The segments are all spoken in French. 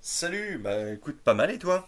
Salut, bah écoute, pas mal et toi?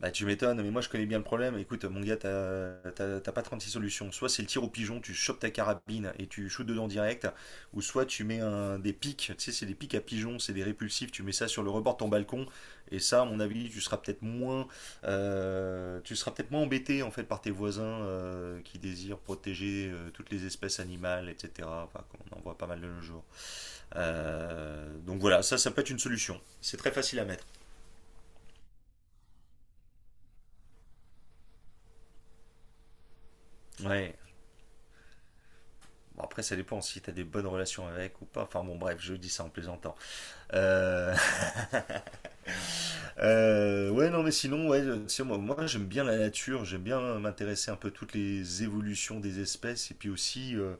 Bah tu m'étonnes, mais moi je connais bien le problème. Écoute, mon gars, t'as pas six solutions. Soit c'est le tir au pigeon, tu chopes ta carabine et tu shoots dedans direct, ou soit tu mets un, des pics, tu sais, c'est des pics à pigeons, c'est des répulsifs, tu mets ça sur le rebord de ton balcon, et ça, à mon avis, tu seras peut-être moins, tu seras peut-être moins embêté en fait par tes voisins qui désirent protéger toutes les espèces animales, etc. Enfin, on en voit pas mal de nos jours. Donc voilà, ça peut être une solution. C'est très facile à mettre. Ouais. Bon, après, ça dépend si t'as des bonnes relations avec ou pas. Enfin bon, bref, je dis ça en plaisantant. Euh, ouais, non, mais sinon, ouais, c'est moi j'aime bien la nature, j'aime bien m'intéresser un peu à toutes les évolutions des espèces et puis aussi,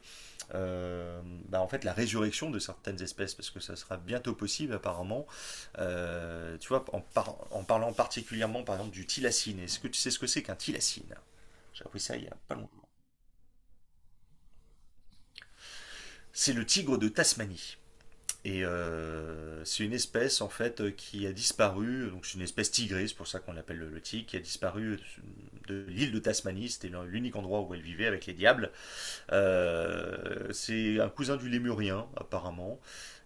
euh, bah, en fait, la résurrection de certaines espèces parce que ça sera bientôt possible apparemment. Tu vois, en parlant particulièrement par exemple du tilacine. Est-ce que tu sais ce que c'est qu'un tilacine? J'ai appris ça il y a pas longtemps. C'est le tigre de Tasmanie. Et c'est une espèce en fait qui a disparu, donc c'est une espèce tigrée, c'est pour ça qu'on l'appelle le tigre, qui a disparu de l'île de Tasmanie, c'était l'unique endroit où elle vivait avec les diables. C'est un cousin du lémurien apparemment,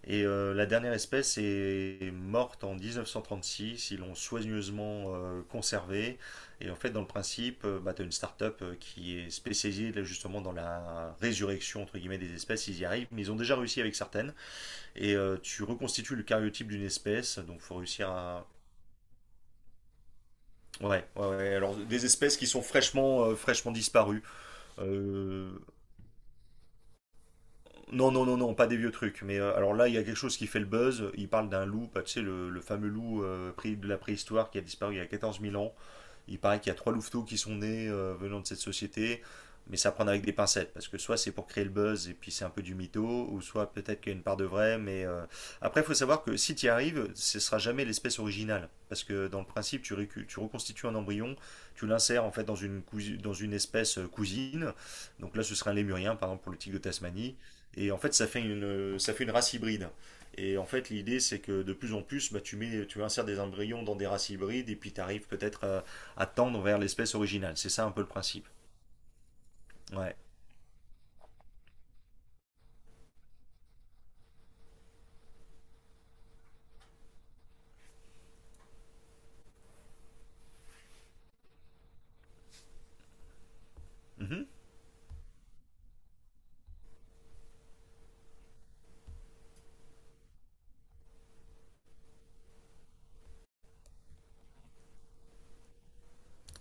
et la dernière espèce est morte en 1936, ils l'ont soigneusement conservée, et en fait dans le principe, bah, tu as une start-up qui est spécialisée là, justement dans la résurrection entre guillemets des espèces, ils y arrivent, mais ils ont déjà réussi avec certaines, et tu reconstitues le cariotype d'une espèce. Donc il faut réussir à. Ouais, ouais, ouais, ouais. Alors des espèces qui sont fraîchement disparues. Euh, Non, non, non, non, pas des vieux trucs. Mais alors là, il y a quelque chose qui fait le buzz. Il parle d'un loup, bah, tu sais, le fameux loup de la préhistoire qui a disparu il y a 14 000 ans. Il paraît qu'il y a trois louveteaux qui sont nés venant de cette société, mais ça prend avec des pincettes, parce que soit c'est pour créer le buzz et puis c'est un peu du mytho, ou soit peut-être qu'il y a une part de vrai, mais après il faut savoir que si tu y arrives, ce ne sera jamais l'espèce originale, parce que dans le principe tu reconstitues un embryon, tu l'insères en fait dans une espèce cousine, donc là ce sera un lémurien par exemple pour le tigre de Tasmanie, et en fait ça fait ça fait une race hybride. Et en fait, l'idée, c'est que de plus en plus, bah, tu mets, tu insères des embryons dans des races hybrides, et puis tu arrives peut-être à tendre vers l'espèce originale. C'est ça un peu le principe. Ouais. Mhm.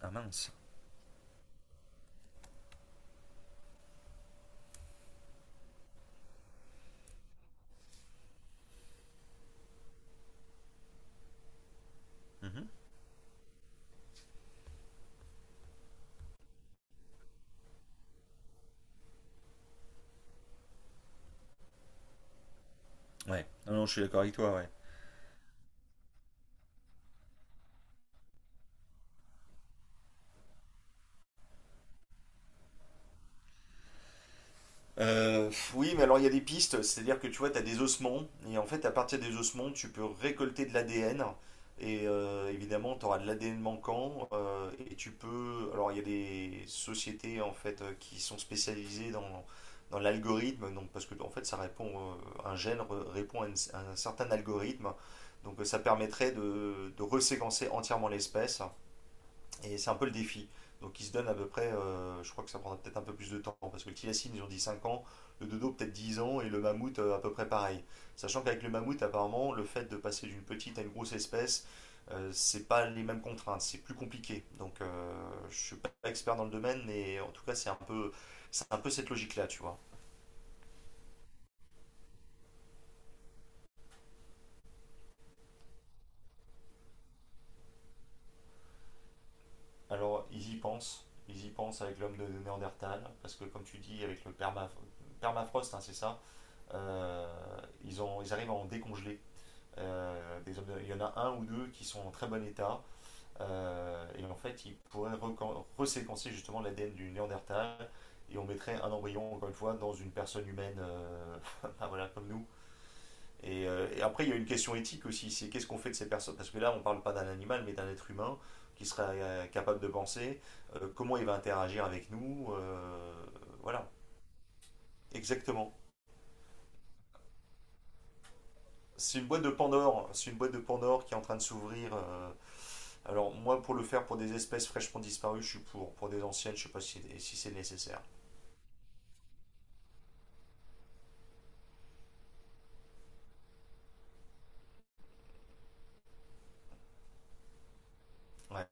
Ah mince. Mhm. Ouais. Non, non, je suis d'accord avec toi, ouais. Oui, mais alors il y a des pistes, c'est-à-dire que tu vois, tu as des ossements, et en fait, à partir des ossements, tu peux récolter de l'ADN, et évidemment, tu auras de l'ADN manquant, et tu peux. Alors, il y a des sociétés en fait qui sont spécialisées dans, dans l'algorithme, donc parce que en fait, ça répond, un répond à, à un certain algorithme, donc ça permettrait de reséquencer entièrement l'espèce. Et c'est un peu le défi. Donc il se donne à peu près, je crois que ça prendra peut-être un peu plus de temps, parce que le tilacine, ils ont dit 5 ans, le dodo peut-être 10 ans, et le mammouth à peu près pareil. Sachant qu'avec le mammouth, apparemment, le fait de passer d'une petite à une grosse espèce, c'est pas les mêmes contraintes, c'est plus compliqué. Donc je suis pas expert dans le domaine, mais en tout cas c'est un peu cette logique-là, tu vois. Alors ils y pensent avec l'homme de Néandertal, parce que comme tu dis, avec le permafrost, hein, c'est ça, euh, ils arrivent à en décongeler. Des hommes il y en a un ou deux qui sont en très bon état, et en fait ils pourraient reséquencer justement l'ADN du Néandertal et on mettrait un embryon encore une fois dans une personne humaine, ah, voilà, comme nous. Et, et après il y a une question éthique aussi, c'est qu'est-ce qu'on fait de ces personnes parce que là on ne parle pas d'un animal mais d'un être humain qui serait capable de penser, comment il va interagir avec nous. Voilà. Exactement. C'est une boîte de Pandore. C'est une boîte de Pandore qui est en train de s'ouvrir. Alors, moi, pour le faire pour des espèces fraîchement disparues, je suis pour. Pour des anciennes, je ne sais pas si, si c'est nécessaire. Ouais,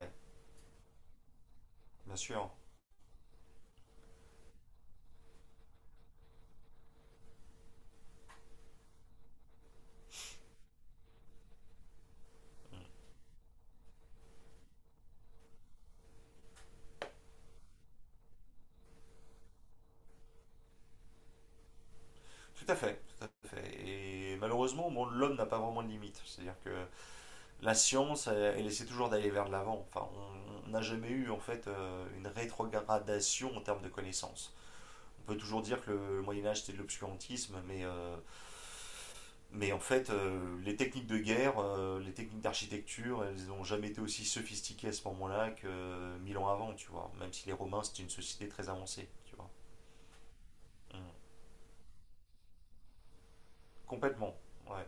bien sûr. Tout à fait, tout à fait. Et malheureusement, bon, l'homme n'a pas vraiment de limite. C'est-à-dire que la science, elle, elle essaie toujours d'aller vers de l'avant. Enfin, on n'a jamais eu, en fait, une rétrogradation en termes de connaissances. On peut toujours dire que le Moyen-Âge, c'était de l'obscurantisme, mais mais en fait, les techniques de guerre, les techniques d'architecture, elles n'ont jamais été aussi sophistiquées à ce moment-là que 1000 ans avant, tu vois. Même si les Romains, c'était une société très avancée, tu vois. Mm. Complètement, ouais.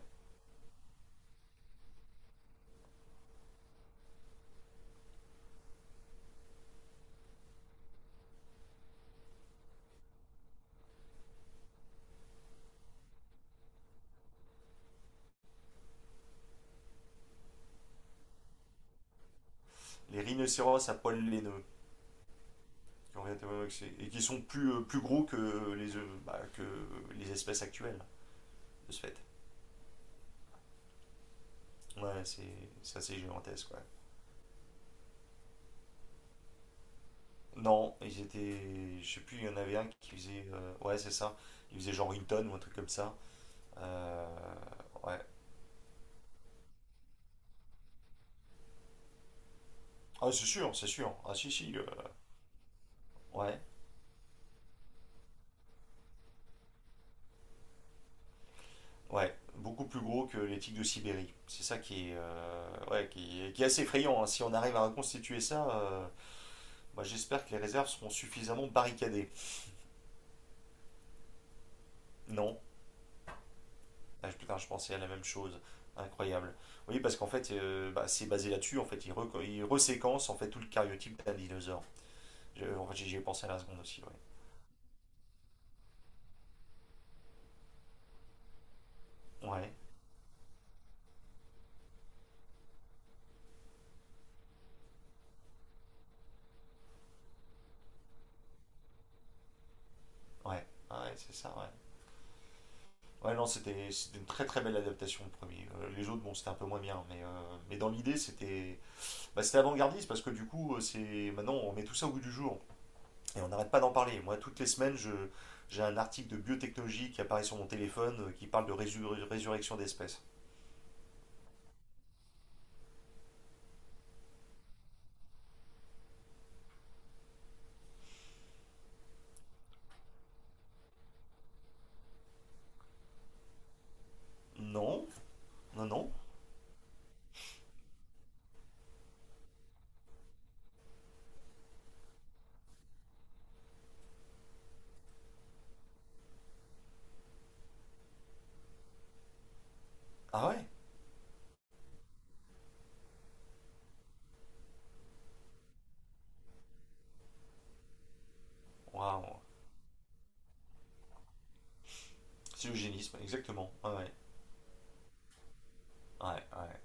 Les rhinocéros à poil laineux, qui ont été- ouais, c'est- et qui sont plus, plus gros que les, bah, que les espèces actuelles, de ce fait. Ouais, c'est assez gigantesque, ouais. Non, ils étaient. Je sais plus, il y en avait un qui faisait. Ouais, c'est ça. Il faisait genre une tonne ou un truc comme ça. Euh, ouais, ah, c'est sûr, c'est sûr. Ah, si, si. Ouais, ouais. Beaucoup plus gros que les tiques de Sibérie. C'est ça qui est, ouais, qui est assez effrayant, hein. Si on arrive à reconstituer ça, moi, j'espère que les réserves seront suffisamment barricadées. Non. Ah, je- putain, je pensais à la même chose. Incroyable. Oui, parce qu'en fait, bah, c'est basé là-dessus. En fait, ils reséquencent en fait tout le cariotype d'un dinosaure. Je- en fait, j'y ai pensé à la seconde aussi. Ouais. Ouais. Ouais. Ah, ouais, c'est ça. Ouais. Ouais, non, c'était une très très belle adaptation, le premier. Les autres, bon, c'était un peu moins bien, mais dans l'idée, c'était bah, c'était avant-gardiste parce que du coup, c'est maintenant, on met tout ça au goût du jour et on n'arrête pas d'en parler. Moi, toutes les semaines, je j'ai un article de biotechnologie qui apparaît sur mon téléphone qui parle de résurrection d'espèces. Non, non, non. Ah ouais, waouh. C'est l'eugénisme, exactement. Ah ouais, ah ouais, ah ouais.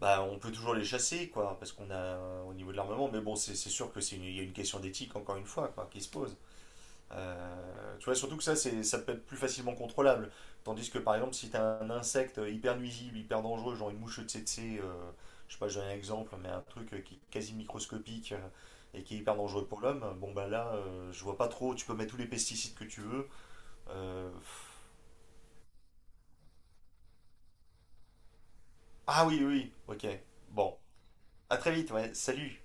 Bah, on peut toujours les chasser, quoi, parce qu'on a au niveau de l'armement, mais bon, c'est sûr que c'est une, il y a une question d'éthique, encore une fois, quoi, qui se pose. Tu vois, surtout que ça, c'est, ça peut être plus facilement contrôlable. Tandis que par exemple, si tu as un insecte hyper nuisible, hyper dangereux, genre une mouche tsetse, je sais pas, je donne un exemple, mais un truc qui est quasi microscopique, et qui est hyper dangereux pour l'homme, bon bah là, je vois pas trop, tu peux mettre tous les pesticides que tu veux. Euh, Ah oui, oui, oui, ok. Bon, à très vite, ouais, salut.